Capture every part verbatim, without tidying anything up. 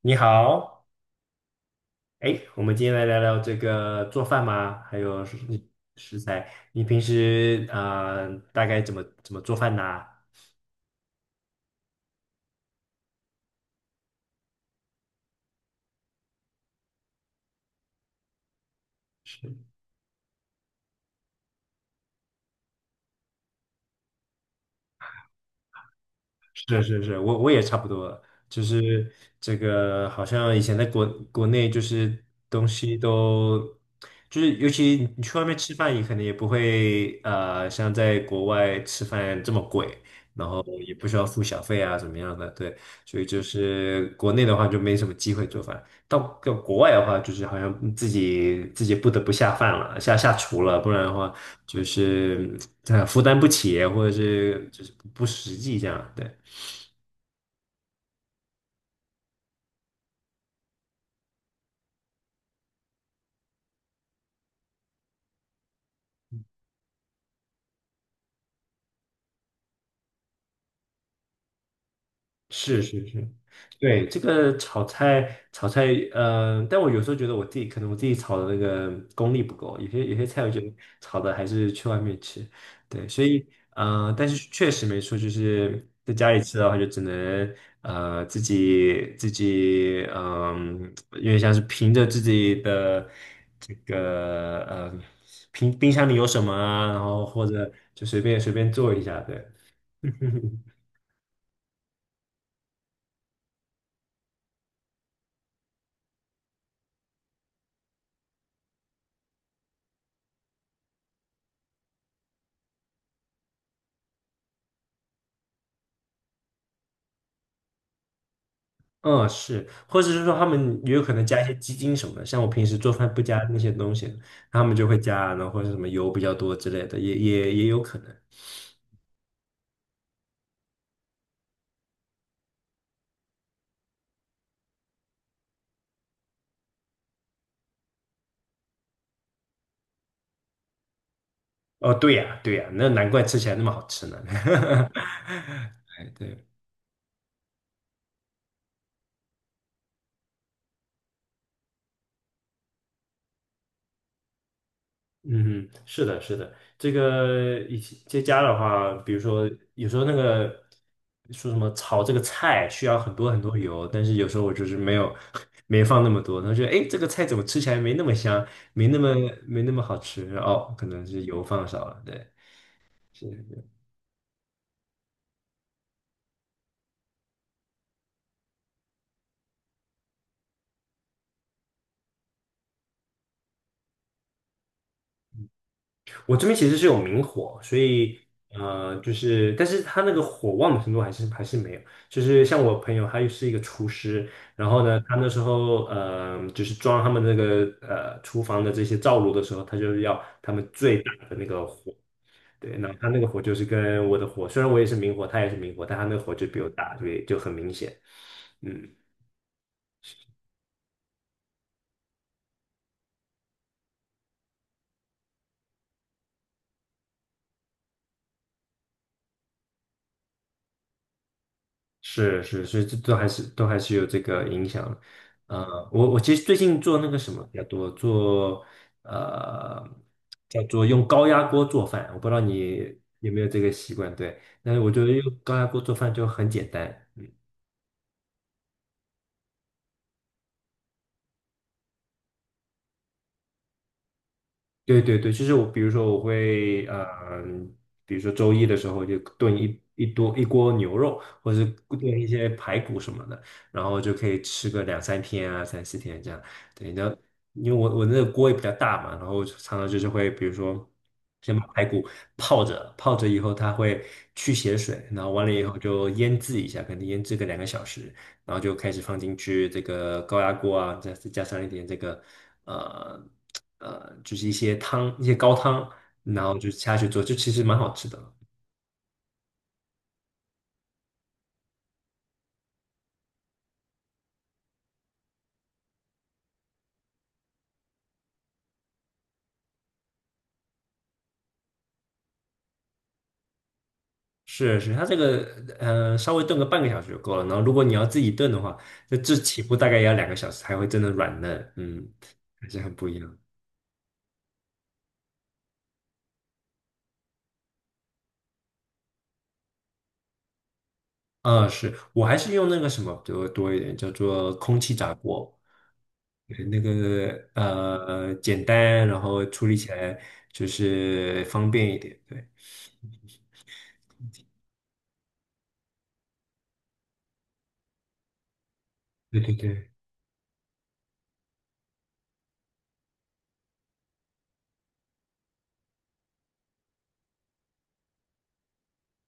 你好。哎，我们今天来聊聊这个做饭吗？还有食食材，你平时啊，大概怎么怎么做饭呢？是，是是是，我我也差不多了，就是这个好像以前在国国内就是东西都，就是尤其你去外面吃饭，也可能也不会呃像在国外吃饭这么贵，然后也不需要付小费啊怎么样的，对。所以就是国内的话就没什么机会做饭，到到国外的话就是好像自己自己不得不下饭了，下下厨了，不然的话就是呃负担不起，或者是就是不实际这样，对。是是是，对，这个炒菜炒菜，呃，但我有时候觉得我自己可能我自己炒的那个功力不够，有些有些菜我觉得炒的还是去外面吃，对。所以呃，但是确实没错，就是在家里吃的话，就只能呃自己自己嗯、因为像是凭着自己的这个呃冰冰箱里有什么啊，然后或者就随便随便做一下，对。嗯，是，或者是说他们也有可能加一些鸡精什么的，像我平时做饭不加那些东西，他们就会加，然后或者什么油比较多之类的，也也也有可能。哦，对呀，对呀，那难怪吃起来那么好吃呢。哎，对。嗯哼，是的，是的，这个以前在家的话，比如说有时候那个说什么炒这个菜需要很多很多油，但是有时候我就是没有 没放那么多，然后觉得哎，诶这个菜怎么吃起来没那么香，没那么没那么好吃，哦，可能是油放少了，对。是，我这边其实是有明火，所以呃，就是但是他那个火旺的程度还是还是没有。就是像我朋友，他又是一个厨师，然后呢，他那时候呃，就是装他们那个呃厨房的这些灶炉的时候，他就是要他们最大。对，然后他那个火就是跟我的火，虽然我也是明火，他也是明火，但他那个火就比我大，所以就很明显。嗯。是是，所以这都还是都还是有这个影响。呃，嗯我我其实最近做那个什么比较多，做呃叫做用高压锅做饭，我不知道你有没有这个习惯。对，但是我觉得用高压锅做饭就很简单。嗯，对对对，就是我，比如说我会，呃，比如说周一的时候就炖一一多一锅牛肉，或者是炖一些排骨什么的，然后就可以吃个两三天啊，三四天这样。对。然后因为我我那个锅也比较大嘛，然后我就常常就是会，比如说先把排骨泡着，泡着以后它会去血水，然后完了以后就腌制一下，可能腌制个两个小时。然后就开始放进去这个高压锅啊，再再加上一点这个呃呃，就是一些汤，一些高汤，然后就下去做，就其实蛮好吃的。是是，它这个呃稍微炖个半个小时就够了。然后如果你要自己炖的话，这这起步大概也要两个小时才会真的软嫩，嗯，还是很不一样。啊、是我还是用那个什么多多一点，叫做空气炸锅。就是那个呃简单，然后处理起来就是方便一点。对，对对对，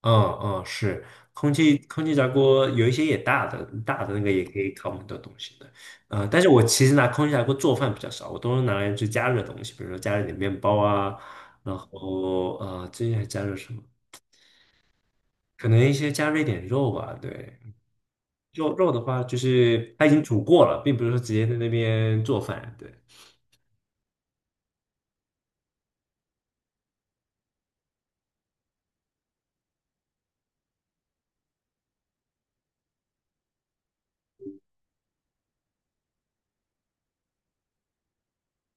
嗯嗯，是空气空气炸锅有一些也大的，大的那个也可以烤很多东西的。呃，但是我其实拿空气炸锅做饭比较少，我都是拿来去加热东西，比如说加热点面包啊，然后呃最近还加热什么？可能一些加热一点肉吧，对。肉肉的话，就是它已经煮过了，并不是说直接在那边做饭。对，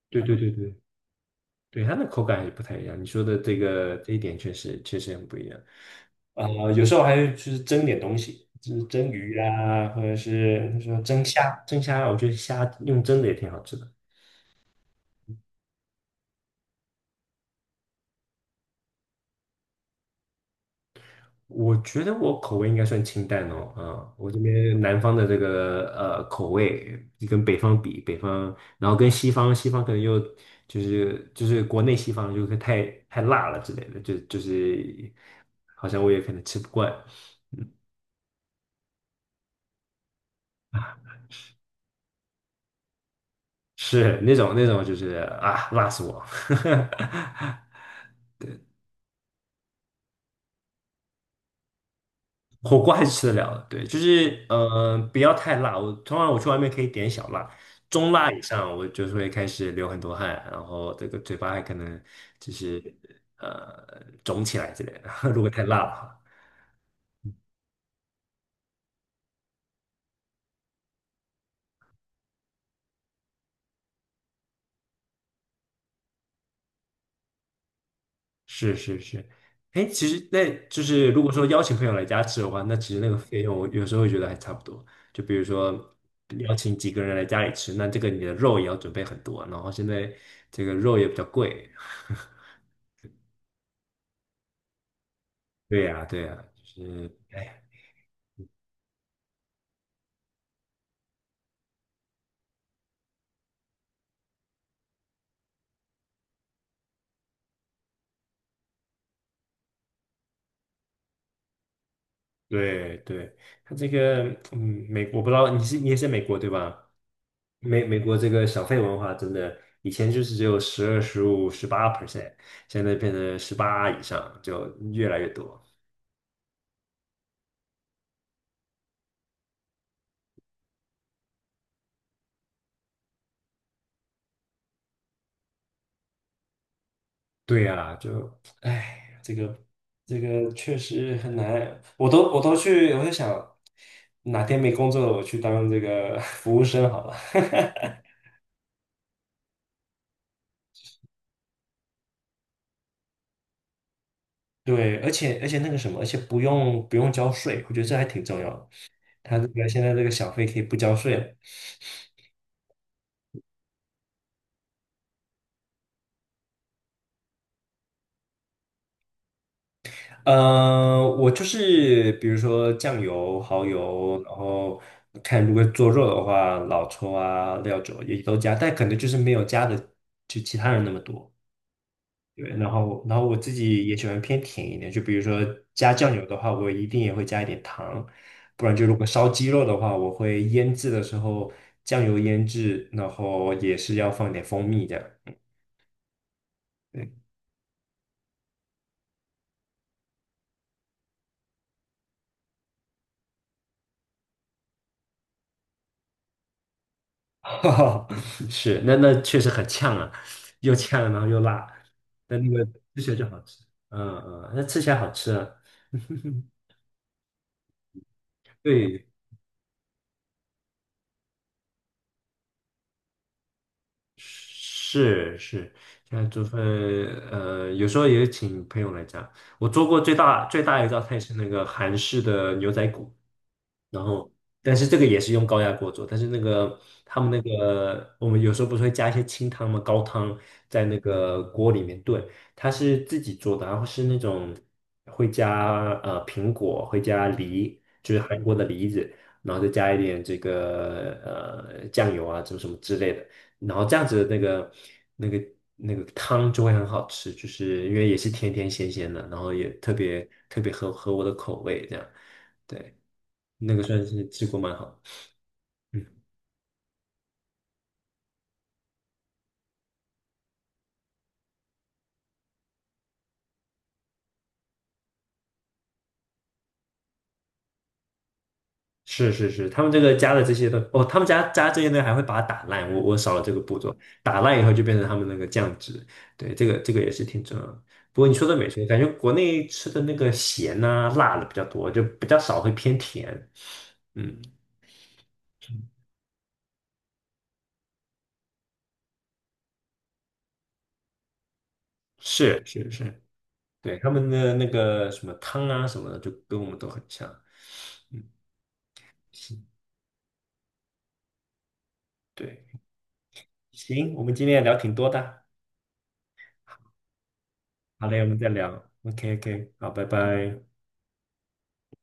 对对对对。对，它的口感还是不太一样。你说的这个这一点确实确实很不一样。啊、有时候还就是蒸点东西，就是蒸鱼啊，或者是说蒸虾，蒸虾，我觉得虾用蒸的也挺好吃的。我觉得我口味应该算清淡哦。啊、我这边南方的这个呃口味跟北方比，北方，然后跟西方，西方可能又就是就是国内西方就是太太辣了之类的，就就是好像我也可能吃不惯。是那种那种就是啊，辣死我！火锅还是吃得了的，对，就是嗯，不要太辣。我通常我去外面可以点小辣，中辣以上我就是会开始流很多汗，然后这个嘴巴还可能就是呃肿起来之类的。如果太辣了。是是是。哎，其实那就是如果说邀请朋友来家吃的话，那其实那个费用我有时候会觉得还差不多。就比如说邀请几个人来家里吃，那这个你的肉也要准备很多，然后现在这个肉也比较贵。对呀，对呀，就是哎，对对，他这个嗯，美我不知道你是你也是美国对吧？美美国这个小费文化真的，以前就是只有十二、十五、十八 percent，现在变成十八以上，就越来越多。对呀、就哎，这个这个确实很难。我都我都去，我在想，哪天没工作了，我去当这个 服务生好了。对，而且而且那个什么，而且不用不用交税，我觉得这还挺重要的。他这个现在这个小费可以不交税了。呃我就是比如说酱油、蚝油，然后看如果做肉的话，老抽啊、料酒也都加，但可能就是没有加的就其他人那么多。对，然后然后我自己也喜欢偏甜一点，就比如说加酱油的话，我一定也会加一点糖，不然就如果烧鸡肉的话，我会腌制的时候酱油腌制，然后也是要放点蜂蜜这样。对，是，那那确实很呛啊，又呛然后又辣，但那个吃起来就好吃。嗯嗯，那吃起来好吃啊。对，是是，现在做饭，呃，有时候也请朋友来家。我做过最大最大一道菜是那个韩式的牛仔骨，然后但是这个也是用高压锅做，但是那个他们那个我们有时候不是会加一些清汤嘛，高汤在那个锅里面炖，它是自己做的，然后是那种会加呃苹果，会加梨，就是韩国的梨子，然后再加一点这个呃酱油啊，什么什么之类的。然后这样子的那个那个那个汤就会很好吃，就是因为也是甜甜咸咸的，然后也特别特别合合我的口味，这样，对，那个算是吃过蛮好的。嗯，是是是，他们这个加了这些东哦，他们加加这些呢还会把它打烂，我我少了这个步骤，打烂以后就变成他们那个酱汁，对，这个这个也是挺重要的。不过你说的没错，感觉国内吃的那个咸呐、辣的比较多，就比较少会偏甜。嗯，是是是。对，他们的那个什么汤啊什么的，就跟我们都很像。嗯，行，对，行，我们今天也聊挺多的。好嘞，我们再聊。OK，OK，好，拜拜。